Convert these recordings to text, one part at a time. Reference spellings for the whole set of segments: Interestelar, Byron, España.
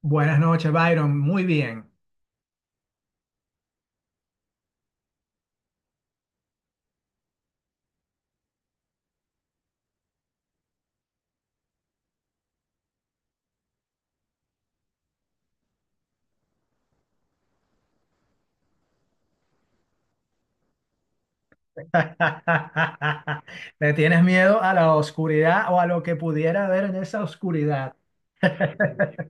Buenas noches, Byron. Muy bien. ¿Le tienes miedo a la oscuridad o a lo que pudiera haber en esa oscuridad?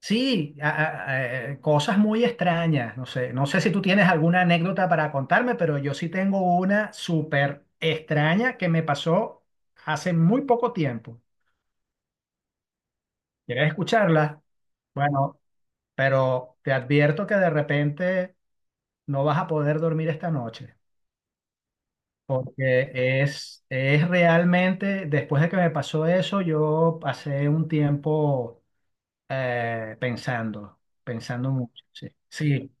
Sí, cosas muy extrañas. No sé, si tú tienes alguna anécdota para contarme, pero yo sí tengo una súper extraña que me pasó hace muy poco tiempo. ¿Quieres escucharla? Bueno, pero te advierto que de repente no vas a poder dormir esta noche. Porque es realmente, después de que me pasó eso, yo pasé un tiempo pensando, mucho. Sí,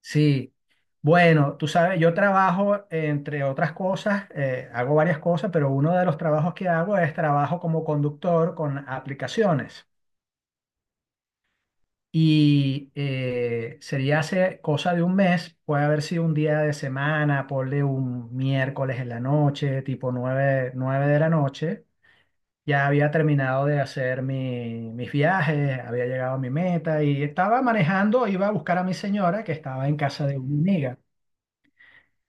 sí. Bueno, tú sabes, yo trabajo, entre otras cosas, hago varias cosas, pero uno de los trabajos que hago es trabajo como conductor con aplicaciones. Y sería hace cosa de un mes, puede haber sido un día de semana, ponle un miércoles en la noche, tipo nueve de la noche. Ya había terminado de hacer mis viajes, había llegado a mi meta y estaba manejando, iba a buscar a mi señora que estaba en casa de una amiga.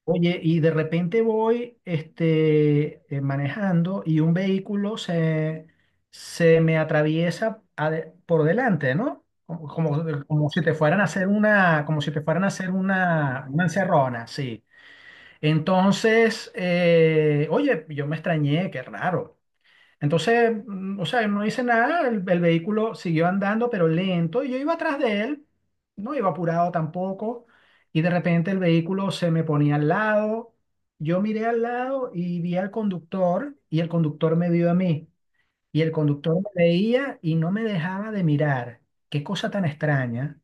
Oye, y de repente voy manejando y se me atraviesa por delante, ¿no? Como si te fueran a hacer como si te fueran a hacer una encerrona, sí. Entonces, oye, yo me extrañé, qué raro. Entonces, o sea, yo no hice nada, el vehículo siguió andando, pero lento, y yo iba atrás de él, no iba apurado tampoco, y de repente el vehículo se me ponía al lado, yo miré al lado y vi al conductor, y el conductor me vio a mí, y el conductor me veía y no me dejaba de mirar. Qué cosa tan extraña.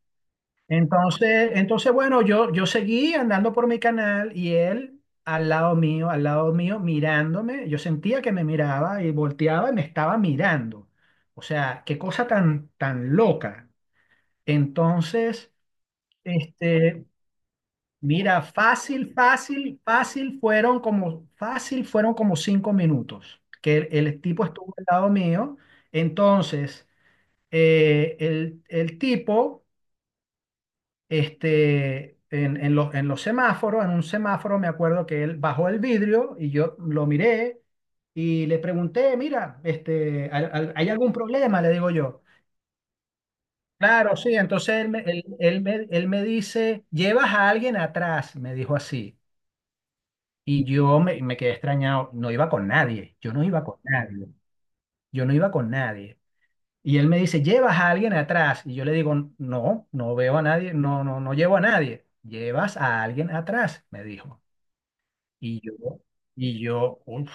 Entonces, bueno, yo seguí andando por mi canal y él al lado mío, mirándome. Yo sentía que me miraba y volteaba y me estaba mirando. O sea, qué cosa tan, tan loca. Entonces, este, mira, fácil fueron fácil fueron como 5 minutos que el tipo estuvo al lado mío. Entonces, el tipo en en los semáforos, en un semáforo me acuerdo que él bajó el vidrio y yo lo miré y le pregunté, mira, este, ¿hay, hay algún problema? Le digo yo. Claro, sí, entonces él me dice, llevas a alguien atrás, me dijo así. Y me quedé extrañado, no iba con nadie, yo no iba con nadie. Y él me dice, ¿llevas a alguien atrás? Y yo le digo, no, no veo a nadie, no llevo a nadie. Llevas a alguien atrás, me dijo. Y yo, "Uf,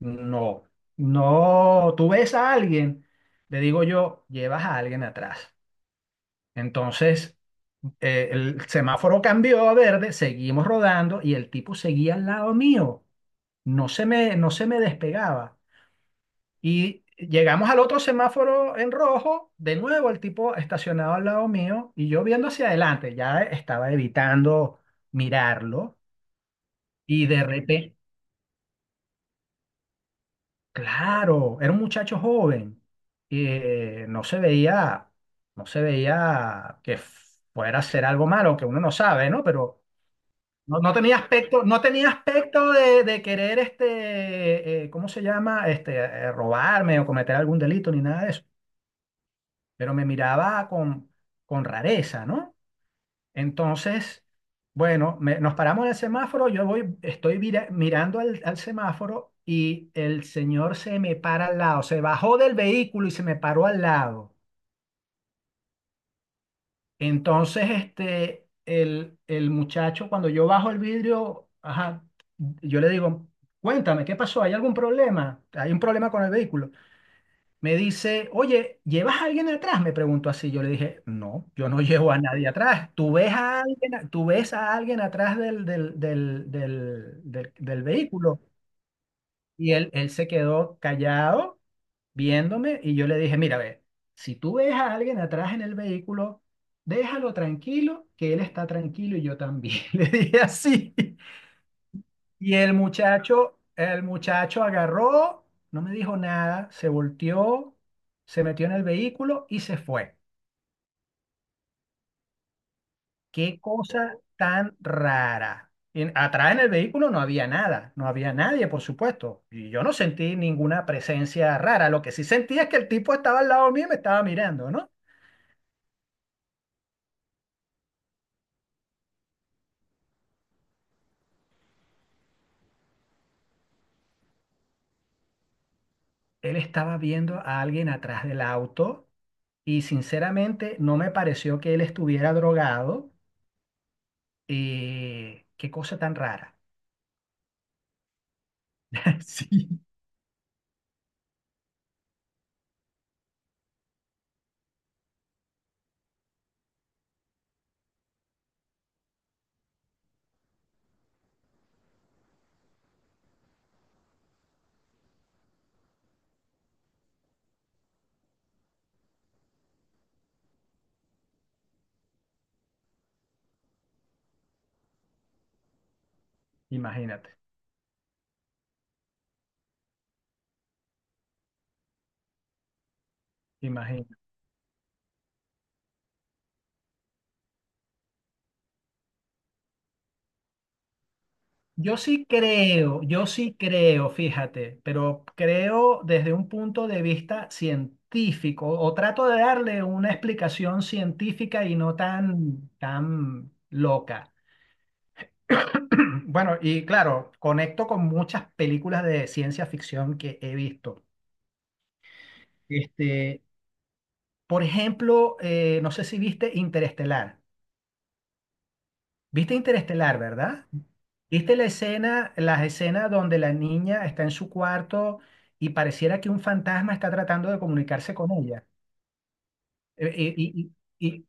no, no, tú ves a alguien. Le digo yo, llevas a alguien atrás. Entonces, el semáforo cambió a verde, seguimos rodando y el tipo seguía al lado mío. No se me despegaba. Y llegamos al otro semáforo en rojo, de nuevo el tipo estacionado al lado mío y yo viendo hacia adelante, ya estaba evitando mirarlo y de repente, claro, era un muchacho joven, no se veía, no se veía que fuera a hacer algo malo, que uno no sabe, ¿no? Pero no, no tenía aspecto, no tenía aspecto de querer, este, ¿cómo se llama? Este, robarme o cometer algún delito ni nada de eso. Pero me miraba con rareza, ¿no? Entonces, bueno, nos paramos en el semáforo, yo voy, estoy mirando al semáforo y el señor se me para al lado, se bajó del vehículo y se me paró al lado. Entonces, el muchacho, cuando yo bajo el vidrio, ajá, yo le digo, cuéntame, ¿qué pasó? ¿Hay algún problema? ¿Hay un problema con el vehículo? Me dice, oye, ¿llevas a alguien atrás? Me preguntó así. Yo le dije, no, yo no llevo a nadie atrás. ¿Tú ves a alguien, tú ves a alguien atrás del vehículo? Y él se quedó callado viéndome y yo le dije, mira, ve, si tú ves a alguien atrás en el vehículo, déjalo tranquilo, que él está tranquilo y yo también. Le dije así. Y el muchacho agarró, no me dijo nada, se volteó, se metió en el vehículo y se fue. Qué cosa tan rara. Atrás en el vehículo no había nada, no había nadie, por supuesto. Y yo no sentí ninguna presencia rara. Lo que sí sentí es que el tipo estaba al lado mío y me estaba mirando, ¿no? Él estaba viendo a alguien atrás del auto y sinceramente no me pareció que él estuviera drogado. Qué cosa tan rara. Sí. Imagínate, imagínate. Yo sí creo, fíjate, pero creo desde un punto de vista científico o trato de darle una explicación científica y no tan, tan loca. Bueno, y claro, conecto con muchas películas de ciencia ficción que he visto. Este, por ejemplo, no sé si viste Interestelar. ¿Viste Interestelar, verdad? ¿Viste las escenas donde la niña está en su cuarto y pareciera que un fantasma está tratando de comunicarse con ella? Y, y- y-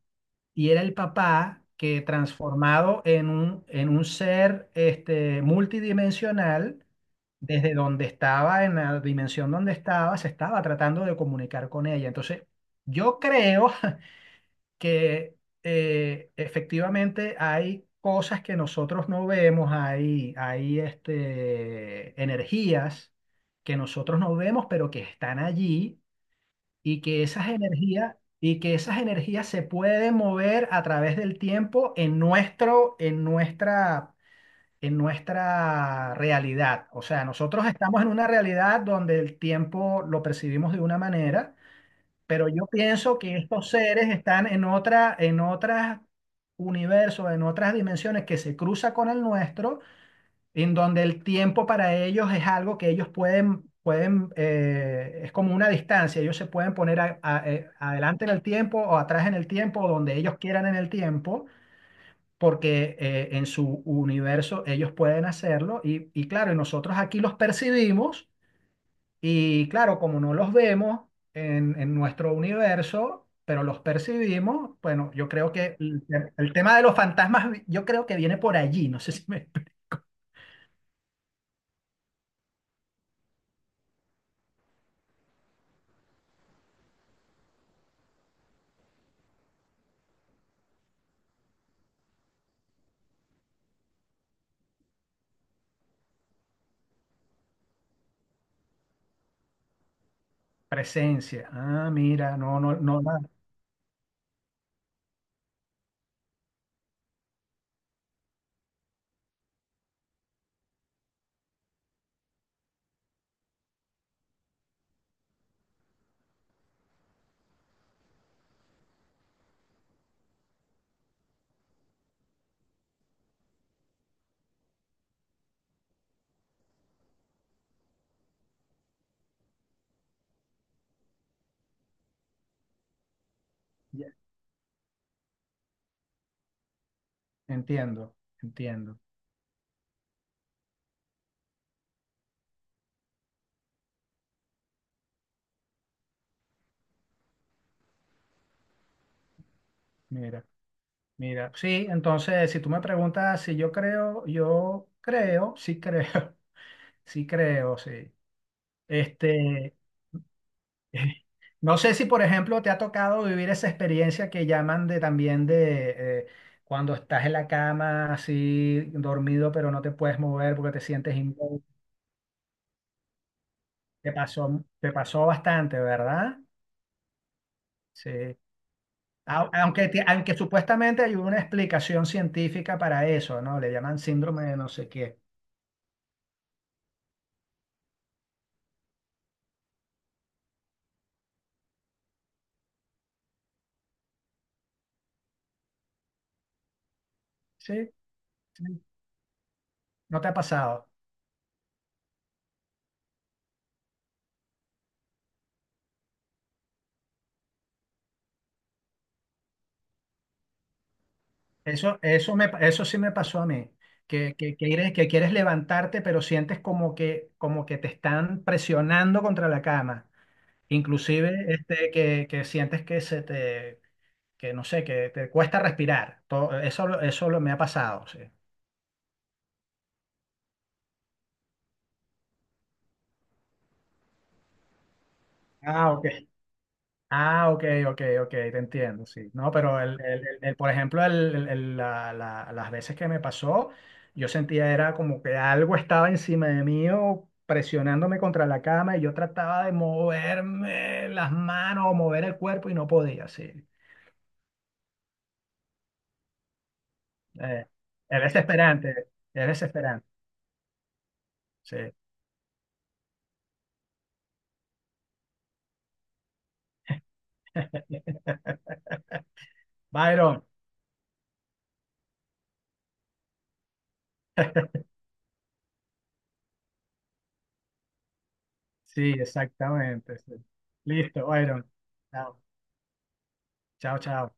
y era el papá que transformado en un ser este, multidimensional, desde donde estaba, en la dimensión donde estaba, se estaba tratando de comunicar con ella. Entonces, yo creo que efectivamente hay cosas que nosotros no vemos, hay este, energías que nosotros no vemos, pero que están allí y que esas energías se pueden mover a través del tiempo en en nuestra realidad. O sea, nosotros estamos en una realidad donde el tiempo lo percibimos de una manera pero yo pienso que estos seres están en otra, en otras universos, en otras dimensiones que se cruza con el nuestro, en donde el tiempo para ellos es algo que ellos pueden, es como una distancia, ellos se pueden poner adelante en el tiempo o atrás en el tiempo, o donde ellos quieran en el tiempo, porque en su universo ellos pueden hacerlo y claro, y nosotros aquí los percibimos y claro, como no los vemos en nuestro universo, pero los percibimos, bueno, yo creo que el tema de los fantasmas, yo creo que viene por allí, no sé si me... Presencia. Ah, mira, no, no, no, nada. Ya, entiendo, entiendo. Mira, mira. Sí, entonces, si tú me preguntas si yo creo, yo creo, sí creo, sí creo, sí. Este, no sé si, por ejemplo, te ha tocado vivir esa experiencia que llaman de también de cuando estás en la cama así dormido, pero no te puedes mover porque te sientes inmóvil. Te pasó bastante, ¿verdad? Sí. Aunque, aunque supuestamente hay una explicación científica para eso, ¿no? Le llaman síndrome de no sé qué. Sí. Sí. ¿No te ha pasado? Eso sí me pasó a mí, que quieres levantarte, pero sientes como que te están presionando contra la cama. Inclusive este, que sientes que se te, que no sé, que te cuesta respirar. Eso lo, me ha pasado, sí. Ah, ok. Ah, ok, te entiendo, sí. No, pero por ejemplo, las veces que me pasó, yo sentía era como que algo estaba encima de mí o presionándome contra la cama y yo trataba de moverme las manos o mover el cuerpo y no podía, sí. Eh, es desesperante, sí. Byron, sí, exactamente, sí. Listo, Byron. Chao, chao.